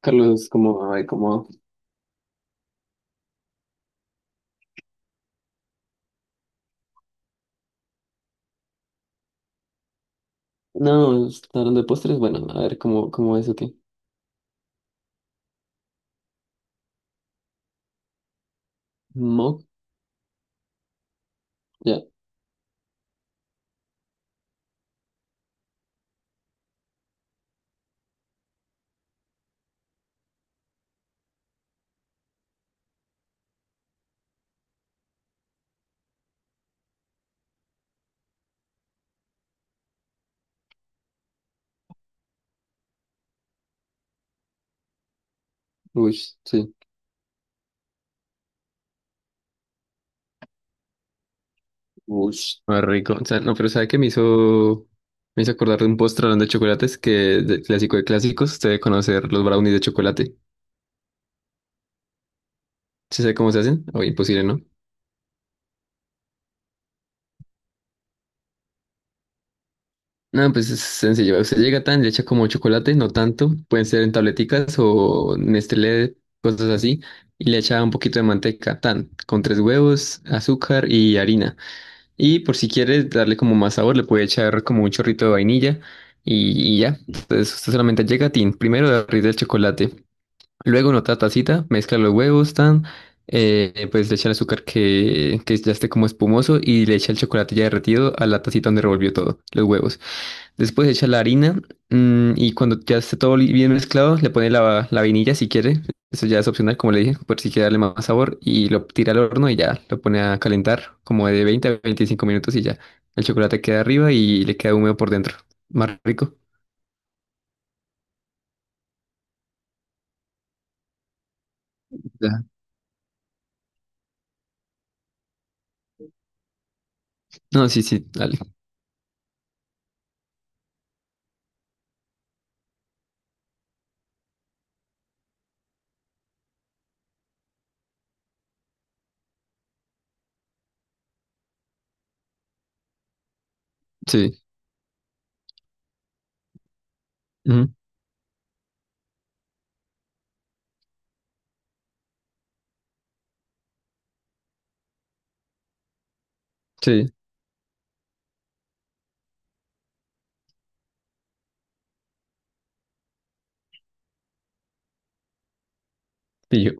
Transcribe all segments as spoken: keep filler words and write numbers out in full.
Carlos, como, ay, como, no, estaban de postres. Bueno, a ver, ¿cómo, cómo es o qué? Mo, ya. Uy, sí. Uy, más rico. O sea, no, pero ¿sabe qué me hizo, me hizo acordar de un postre, hablando de chocolates, que, de clásico de clásicos, usted debe conocer los brownies de chocolate? ¿Sí sabe cómo se hacen? O imposible, ¿no? No, pues es sencillo, usted llega, tan, le echa como chocolate, no tanto, pueden ser en tableticas o Nestlé, cosas así, y le echa un poquito de manteca, tan, con tres huevos, azúcar y harina. Y por si quieres darle como más sabor, le puede echar como un chorrito de vainilla, y, y ya. Entonces usted solamente llega, tin, primero le derrite del chocolate, luego en otra tacita mezcla los huevos, tan, eh, pues le echa el azúcar, que, que ya esté como espumoso, y le echa el chocolate ya derretido a la tacita donde revolvió todo, los huevos. Después echa la harina, mm, y cuando ya esté todo li- bien mezclado, le pone la, la vainilla si quiere. Eso ya es opcional, como le dije, por si quiere darle más sabor. Y lo tira al horno y ya lo pone a calentar como de veinte a veinticinco minutos y ya. El chocolate queda arriba y le queda húmedo por dentro. Más rico. Ya. No, sí, sí, dale. Sí. Ujú. Sí. Y yo.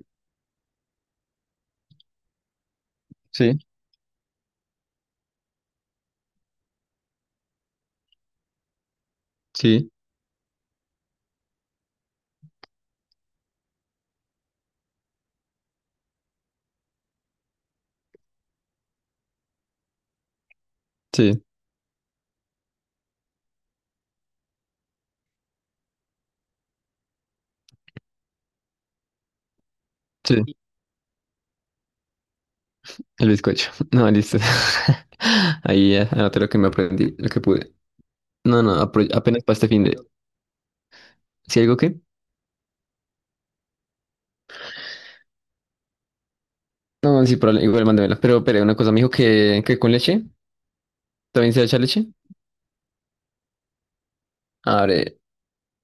Sí, sí, sí, sí. El bizcocho. No, listo. Ahí ya anoté lo que me aprendí, lo que pude. No, no, apro- apenas para este fin de... ¿Sí algo qué? No, sí, probable- igual mándamela. Pero, pero una cosa, me dijo que, que, con leche. ¿También se echa leche? Abre.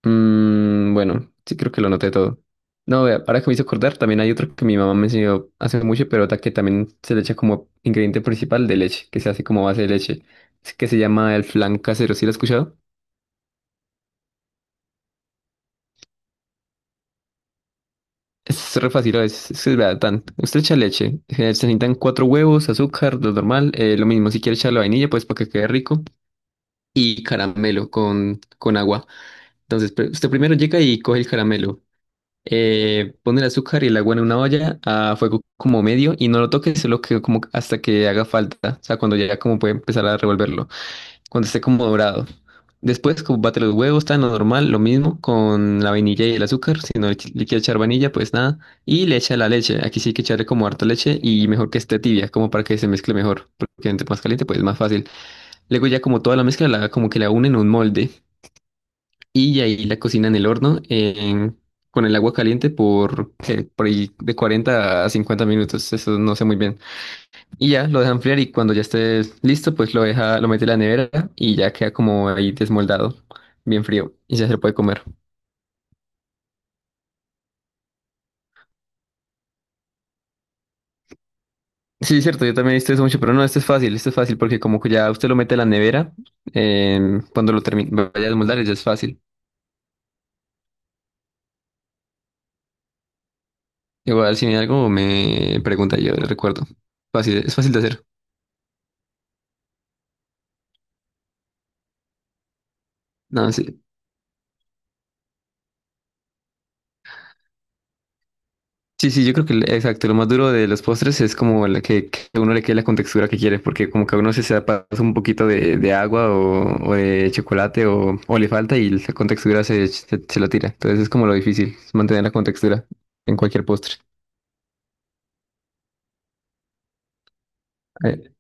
Mm, bueno, sí creo que lo noté todo. No, vea, ahora que me hizo acordar, también hay otro que mi mamá me enseñó hace mucho, pero ta- que también se le echa como ingrediente principal de leche, que se hace como base de leche. Es que se llama el flan casero, ¿sí lo has escuchado? Es re fácil, es, es, es verdad, tan. Usted echa leche, eh, se necesitan cuatro huevos, azúcar, lo normal, eh, lo mismo, si quiere echarle vainilla, pues para que quede rico, y caramelo con, con agua. Entonces, pr- usted primero llega y coge el caramelo, eh, pone el azúcar y el agua en una olla a fuego como medio y no lo toque, solo que como hasta que haga falta, o sea, cuando ya como puede empezar a revolverlo, cuando esté como dorado. Después, como bate los huevos, tan normal, lo mismo con la vainilla y el azúcar, si no le, ch- le quiere echar vainilla, pues nada, y le echa la leche, aquí sí hay que echarle como harta leche y mejor que esté tibia, como para que se mezcle mejor, porque entre más caliente pues es más fácil. Luego ya como toda la mezcla la como que la une en un molde. Y ahí la cocina en el horno en- con el agua caliente por, ¿qué? Por ahí de cuarenta a cincuenta minutos, eso no sé muy bien. Y ya lo deja enfriar y cuando ya esté listo, pues lo deja, lo mete en la nevera, y ya queda como ahí desmoldado, bien frío y ya se lo puede comer. Sí, es cierto, yo también he visto eso mucho, pero no, esto es fácil, esto es fácil porque como que ya usted lo mete en la nevera, em, cuando lo termine, vaya a desmoldar ya es fácil. Igual si hay algo me pregunta, yo le recuerdo. Fácil, es fácil de hacer. No, sí. Sí, sí, yo creo que el- exacto, lo más duro de los postres es como la que, que a uno le quede la contextura que quiere, porque como que a uno se se pasa un poquito de, de, agua o, o de chocolate o, o le falta y la contextura se, se, se lo tira. Entonces es como lo difícil, es mantener la contextura en cualquier postre. Eh,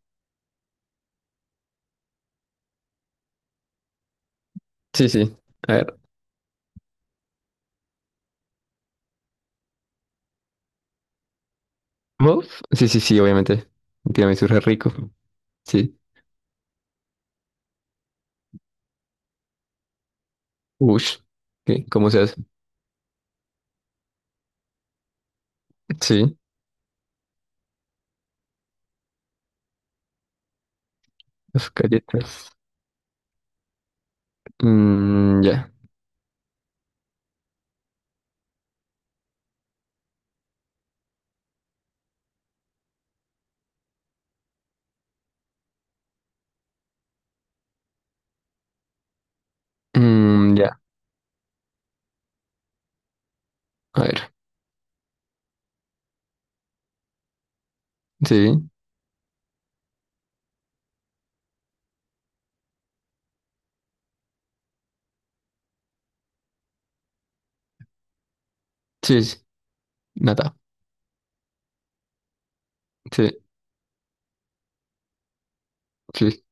sí, sí. A ver, ¿muff? Sí, sí, sí, obviamente. Un Tiramisú es rico. Sí. Ush. ¿Qué? ¿Cómo se hace? Sí, las galletas. Mm, ya. Mm, ya. A ver. Sí, sí, sí. Nata. Sí. Sí.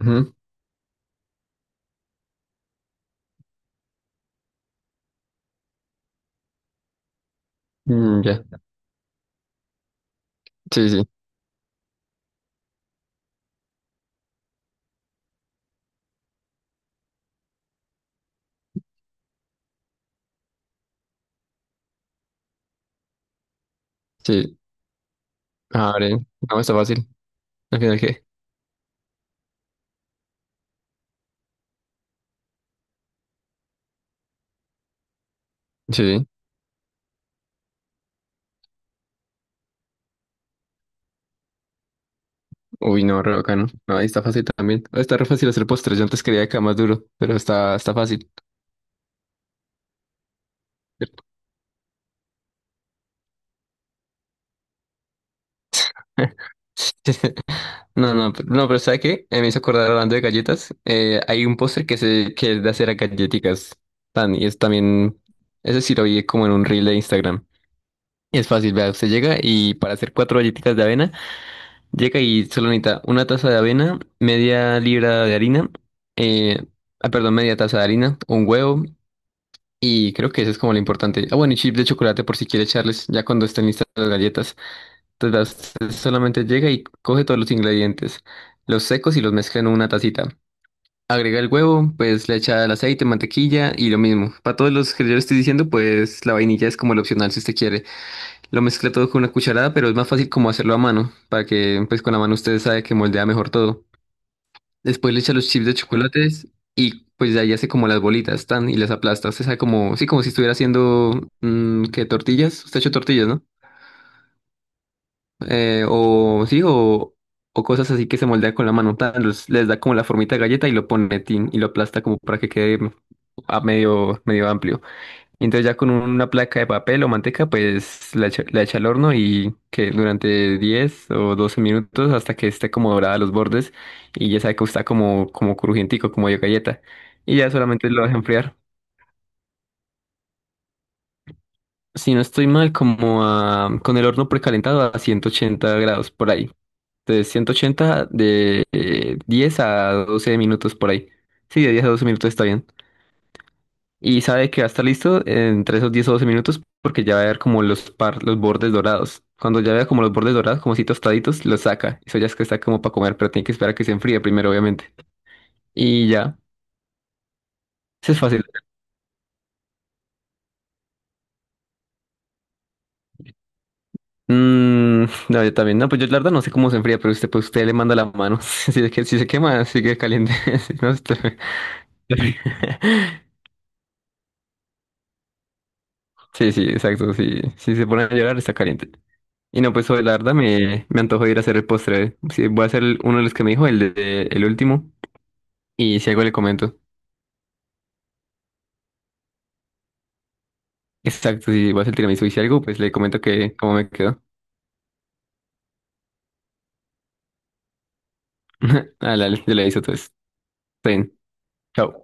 Ujú. Mm, ya. Sí, sí. Sí. Abre. No, está fácil. Al final, ¿qué? Sí. Uy, no, re bacano. No, ahí está fácil también. Está re fácil hacer postres. Yo antes quería que era más duro, pero está, está fácil. No, no, pero- no, pero ¿sabe qué? Eh, me hizo acordar hablando de galletas. Eh, hay un postre que se que es de hacer a galletitas. Tan, y es también. Ese sí lo vi como en un reel de Instagram. Y es fácil, vea, usted llega y para hacer cuatro galletitas de avena. Llega y solo necesita una taza de avena, media libra de harina, eh, ah, perdón, media taza de harina, un huevo, y creo que eso es como lo importante. Ah, bueno, y chip de chocolate por si quiere echarles ya cuando estén listas las galletas. Entonces, las- solamente llega y coge todos los ingredientes, los secos y los mezcla en una tacita. Agrega el huevo, pues le echa el aceite, mantequilla y lo mismo. Para todos los que yo le estoy diciendo, pues la vainilla es como el opcional si usted quiere. Lo mezcla todo con una cucharada, pero es más fácil como hacerlo a mano, para que pues con la mano usted sabe que moldea mejor todo. Después le echa los chips de chocolates y pues de ahí hace como las bolitas, tan, y las aplasta. Usted sabe como, sí, como si estuviera haciendo, mm, ¿qué tortillas? Usted ha hecho tortillas, ¿no? Eh, o sí, o, o cosas así que se moldea con la mano, tan, los- les da como la formita de galleta y lo pone tin y lo aplasta como para que quede a medio, medio amplio. Y entonces ya con una placa de papel o manteca, pues la echa, la echa al horno y que durante diez o doce minutos hasta que esté como dorada a los bordes y ya sabe que está como, como crujientico, como de galleta. Y ya solamente lo deja enfriar. Si no estoy mal, como a- con el horno precalentado a ciento ochenta grados por ahí. Entonces ciento ochenta de eh, diez a doce minutos por ahí. Sí, de diez a doce minutos está bien. Y sabe que va a estar listo entre esos diez o doce minutos porque ya va a ver como los, par, los bordes dorados. Cuando ya vea como los bordes dorados, como si tostaditos, los saca. Eso ya es que está como para comer, pero tiene que esperar a que se enfríe primero, obviamente. Y ya, eso es fácil. Mm, no, yo también. No, pues yo la verdad no sé cómo se enfría, pero usted, pues usted le manda la mano. Si se, que- si se quema, sigue caliente. Si no, usted- Sí, sí, exacto. Sí. Si se pone a llorar, está caliente. Y no, pues hoy la verdad me, me antojo de ir a hacer el postre. Sí, voy a hacer el- uno de los que me dijo, el de, el último. Y si algo le comento. Exacto, si vas a hacer el tiramisú y si algo, pues le comento que cómo me quedó. Ah, la, yo le aviso, entonces. Está bien. Chao.